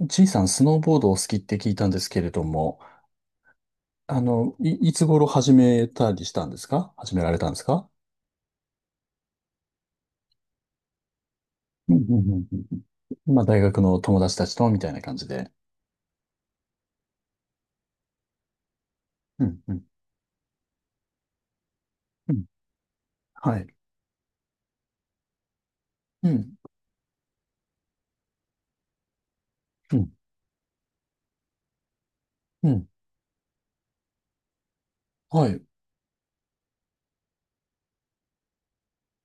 G さん、スノーボードをお好きって聞いたんですけれども、あの、いつ頃始められたんですか？うんうんうんうんうん。まあ、大学の友達たちと、みたいな感じで。うんうんうん。はい。うん。うん。うん。はい。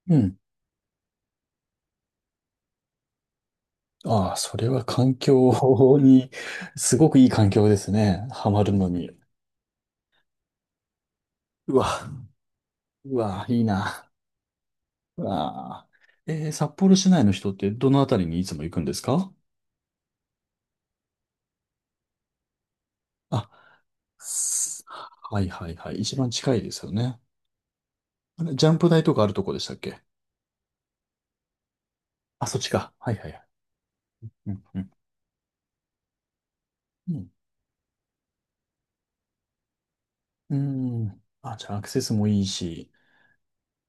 うん。ああ、それは環境に、すごくいい環境ですね。ハマるのに。うわ、うわ、いいな。うわ。札幌市内の人ってどのあたりにいつも行くんですか？あはいはいはい。一番近いですよね。あれ、ジャンプ台とかあるとこでしたっけ？あ、そっちか。はいはいはい。うんうん。うん。うんあ、じゃあアクセスもいいし。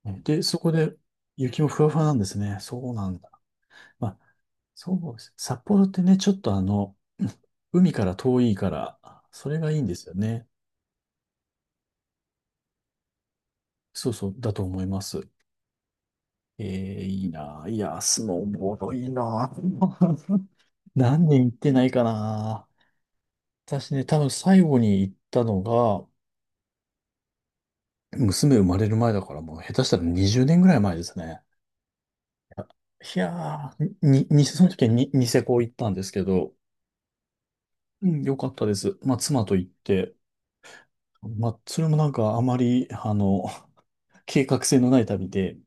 ねで、そこで雪もふわふわなんですね。そうなんだ。まあ、そうです。札幌ってね、ちょっとあの、海から遠いから、それがいいんですよね。そうそう、だと思います。えいいな。いや、スノーボードいいな。何年行ってないかな。私ね、多分最後に行ったのが、娘生まれる前だからもう下手したら20年ぐらい前ですね。いやいやー、その時はニセコ行ったんですけど、うん、良かったです。まあ、妻と行って、まあ、それもなんかあまり、あの、計画性のない旅で、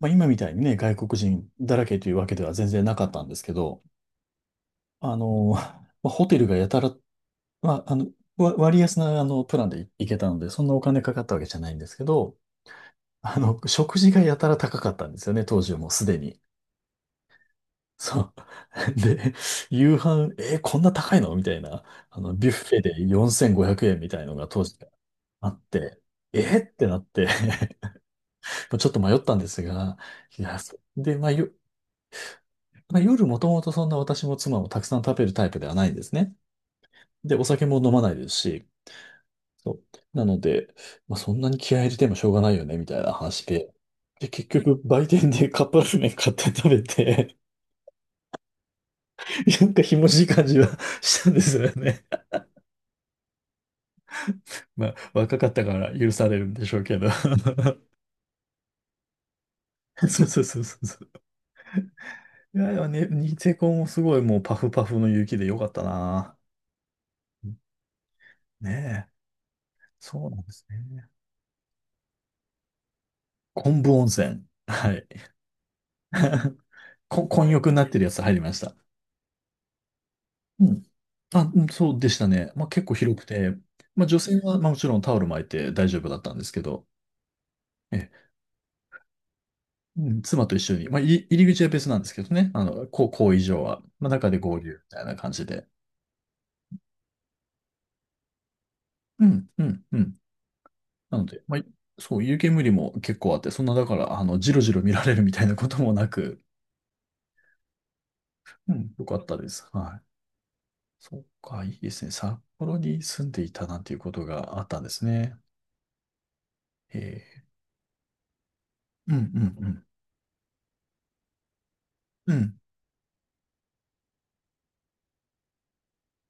まあ、今みたいにね、外国人だらけというわけでは全然なかったんですけど、あの、まあ、ホテルがやたら、まあ、あの、割安な、あの、プランで行けたので、そんなお金かかったわけじゃないんですけど、あの、食事がやたら高かったんですよね、当時はもうすでに。そう。で、夕飯、えーこんな高いのみたいな、あの、ビュッフェで4500円みたいのが当時あって、えーってなって まあちょっと迷ったんですが、いや、まあ、まあ、夜もともとそんな私も妻もたくさん食べるタイプではないんですね。で、お酒も飲まないですし、そう。なので、まあ、そんなに気合い入れてもしょうがないよね、みたいな話で。で、結局、売店でカップラーメン買って食べてなんかひもじい感じは したんですよね。まあ、若かったから許されるんでしょうけど。そうそうそうそうそう。いやいや、ね、ニセコもすごいもうパフパフの雪でよかったな。ねえ。そうなんですね。昆布温泉。はい。混浴になってるやつ入りました。うん。あ、うんそうでしたね。まあ結構広くて、まあ女性はまあもちろんタオル巻いて大丈夫だったんですけど、ええうん、妻と一緒に、まあ、入り口は別なんですけどね、あの、こう、こう以上は、まあ、中で合流みたいな感じで。うん、うん、うん。なので、まあ、そう、湯煙も結構あって、そんな、だから、あの、じろじろ見られるみたいなこともなく、うん、よかったです。はい。そうか、いいですね。札幌に住んでいたなんていうことがあったんですね。えー、うん、うん、うん。うん。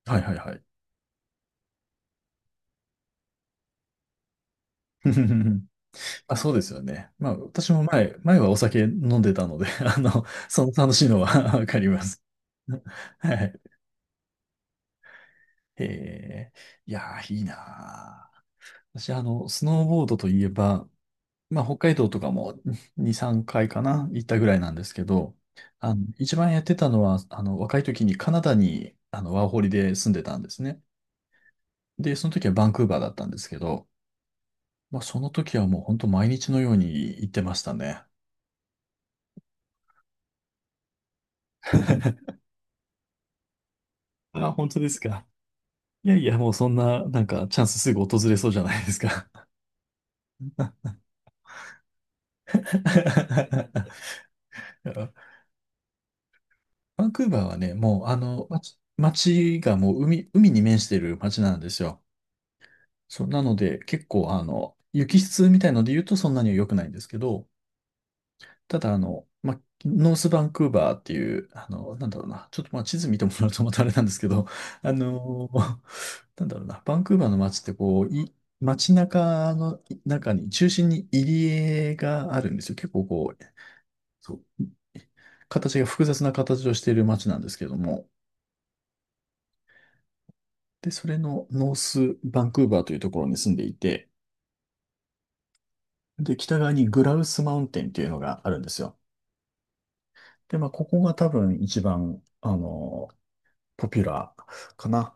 はい、はい、はい。あ、そうですよね。まあ、私も前はお酒飲んでたので、あの、その楽しいのは わかります。はい。えー、いやー、いいなー。私、あの、スノーボードといえば、まあ、北海道とかも 2、3回かいかな、行ったぐらいなんですけど、あの、一番やってたのは、あの、若い時にカナダに、あの、ワーホリで住んでたんですね。で、その時はバンクーバーだったんですけど、まあ、その時はもう本当毎日のように行ってましたね。あ、本当ですか。いやいや、もうそんな、なんか、チャンスすぐ訪れそうじゃないですか。バンクーバーはね、もう、あの、街がもう海に面してる街なんですよ。そう、なので、結構、あの、雪質みたいので言うとそんなには良くないんですけど、ただ、あの、ノースバンクーバーっていう、あの、なんだろうな、ちょっとまあ地図見てもらうとまたあれなんですけど、あの、なんだろうな、バンクーバーの街ってこう、街中の中に、中心に入り江があるんですよ。結構こう、そう、形が複雑な形をしている街なんですけども、で、それのノースバンクーバーというところに住んでいて、で、北側にグラウスマウンテンっていうのがあるんですよ。で、まあ、ここが多分一番、あの、ポピュラーかな。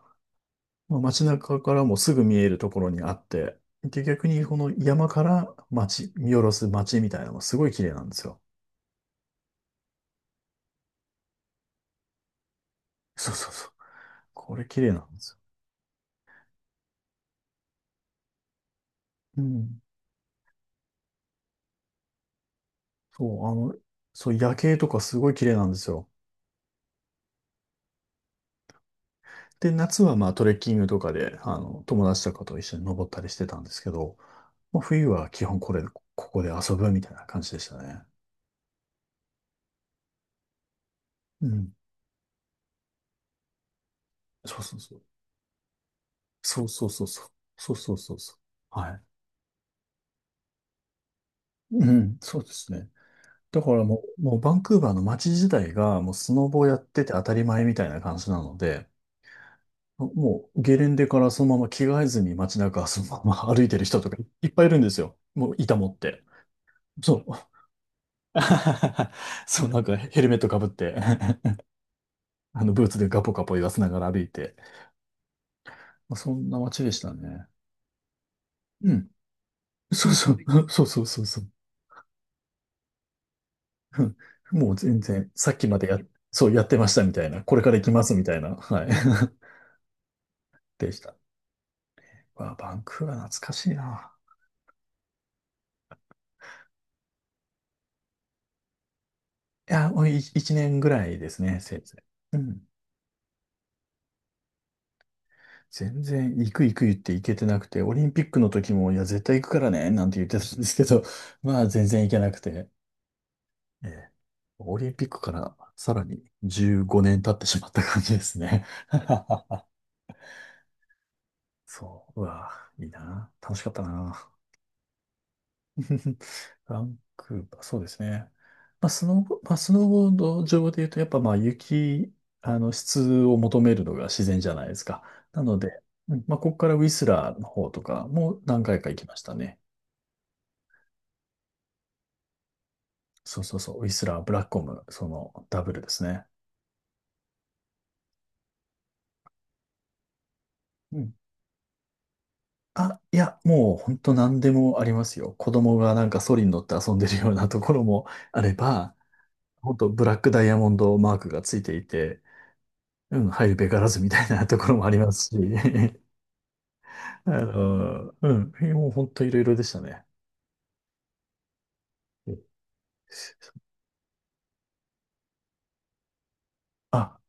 まあ、街中からもすぐ見えるところにあって、で、逆にこの山から街、見下ろす街みたいなのもすごい綺麗なんですよ。そうそうそう。これ綺麗なんですよ。うん。そう、あの、そう、夜景とかすごい綺麗なんですよ。で、夏はまあトレッキングとかで、あの、友達とかと一緒に登ったりしてたんですけど、まあ、冬は基本ここで遊ぶみたいな感じでしたね。うん。そうそうそう。そうそうそうそう。そうそうそうそう。はい。うん、そうですね。だからもうバンクーバーの街自体がもうスノボやってて当たり前みたいな感じなので、もうゲレンデからそのまま着替えずに街中そのまま歩いてる人とかい っぱいいるんですよ。もう板持って。そう。そう、なんかヘルメットかぶって あのブーツでガポガポ言わせながら歩いて。まあ、そんな街でしたね。うん。そうそう、そうそうそうそう。うんもう全然、さっきまでそうやってましたみたいな、これから行きますみたいな、はい。でした。うわ、バンクーバー懐かしいな。いや、もう一年ぐらいですね、せいぜい。うん。全然、行く行く言って行けてなくて、オリンピックの時も、いや、絶対行くからね、なんて言ってたんですけど、まあ、全然行けなくて。ええオリンピックからさらに15年経ってしまった感じですね。そう、うわ、いいな。楽しかったな。バンクーバー、そうですね。まあ、スノーボード上で言うと、やっぱまあ雪、あの質を求めるのが自然じゃないですか。なので、うんまあ、ここからウィスラーの方とかも何回か行きましたね。そうそうそう、ウィスラー、ブラッコム、そのダブルですね。うんあ、いや、もう本当何でもありますよ。子供がなんかソリに乗って遊んでるようなところもあれば、本当ブラックダイヤモンドマークがついていて、うん、入るべからずみたいなところもありますし、あの、うん、もう本当いろいろでしたね。うんあ、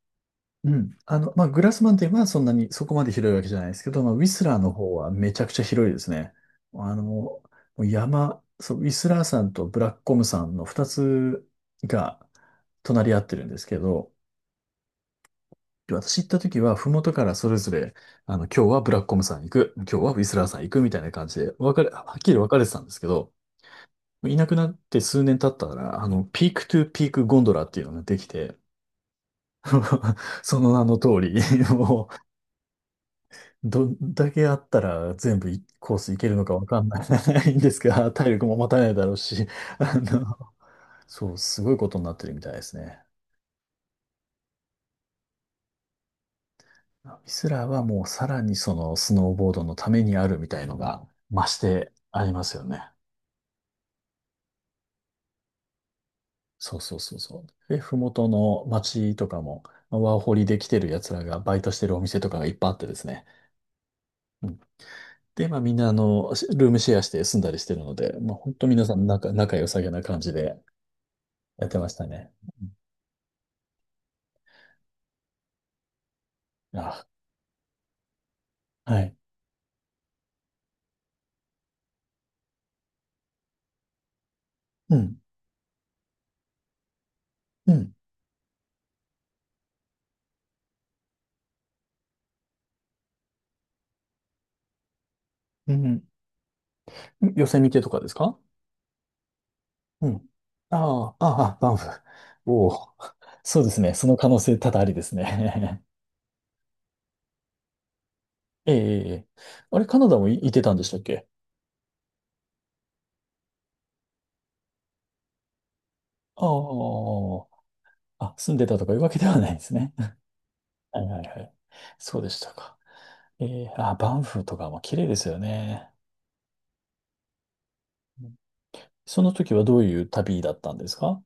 うん。まあ、グラスマンテンはそんなにそこまで広いわけじゃないですけど、まあ、ウィスラーの方はめちゃくちゃ広いですね。あの、もう山、そう、ウィスラーさんとブラックコムさんの二つが隣り合ってるんですけど、私行った時は、ふもとからそれぞれ、今日はブラックコムさん行く、今日はウィスラーさん行くみたいな感じで、分かれ、はっきり分かれてたんですけど、いなくなって数年経ったら、ピークトゥピークゴンドラっていうのができて、その名の通り、もう、どんだけあったら全部いコースいけるのかわかんない んですが、体力も持たないだろうし、あの、そう、すごいことになってるみたいですね。ミスラーはもうさらにそのスノーボードのためにあるみたいのが増してありますよね。そうそうそうそう。で、ふもとの町とかも、まあワーホリで来てる奴らがバイトしてるお店とかがいっぱいあってですね。で、まあみんなルームシェアして住んだりしてるので、まあ本当皆さん仲良さげな感じでやってましたね。うんあ、はい。うん、うん、うん。ヨセミテとかですか？うん。ああ、ああ、バンフ。おお。そうですね。その可能性多々ありですね。ええ、ええ。あれ、カナダもいてたんでしたっけ？ああ、あ、住んでたとかいうわけではないですね。はいはいはい。そうでしたか。ええ、あ、バンフとかも綺麗ですよね。その時はどういう旅だったんですか？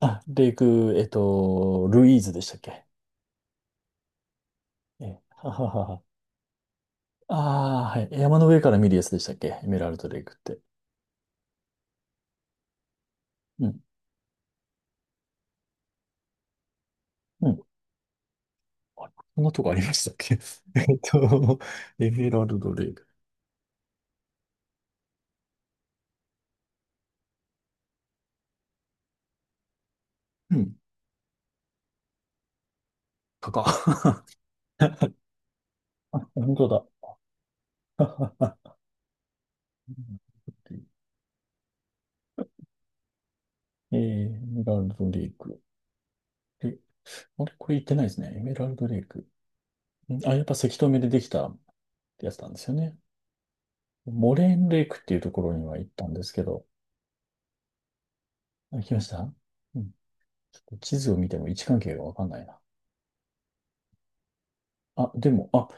あ、レイク、ルイーズでしたっけ？え、はははは。ああ、はい。山の上から見るやつでしたっけ、エメラルドレイクって。うん。うん。あこんなとこありましたっけ？ えっと、エメラルドレイク。うん。かか。あ、本当だ。はははえー、エメラルドレイク。え、あれ、これ言ってないですね。エメラルドレイク。んあ、やっぱ石留めでできたやつなんですよね。モレーンレイクっていうところには行ったんですけど、あ、来ました。うん。ちょっと地図を見ても位置関係がわかんないな。あ、でも、あ、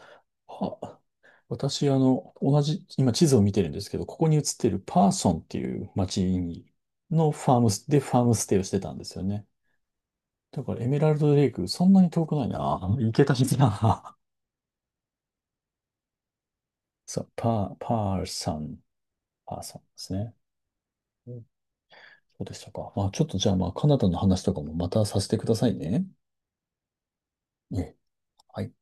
あ、私、今地図を見てるんですけど、ここに映ってるパーソンっていう町に、のファームス、でファームステイをしてたんですよね。だからエメラルドレイク、そんなに遠くないな。行けた日だな。そう、パーソンですね。うん。そうでしたか。まあ、ちょっとじゃあ、まあ、カナダの話とかもまたさせてくださいね。ええ。はい。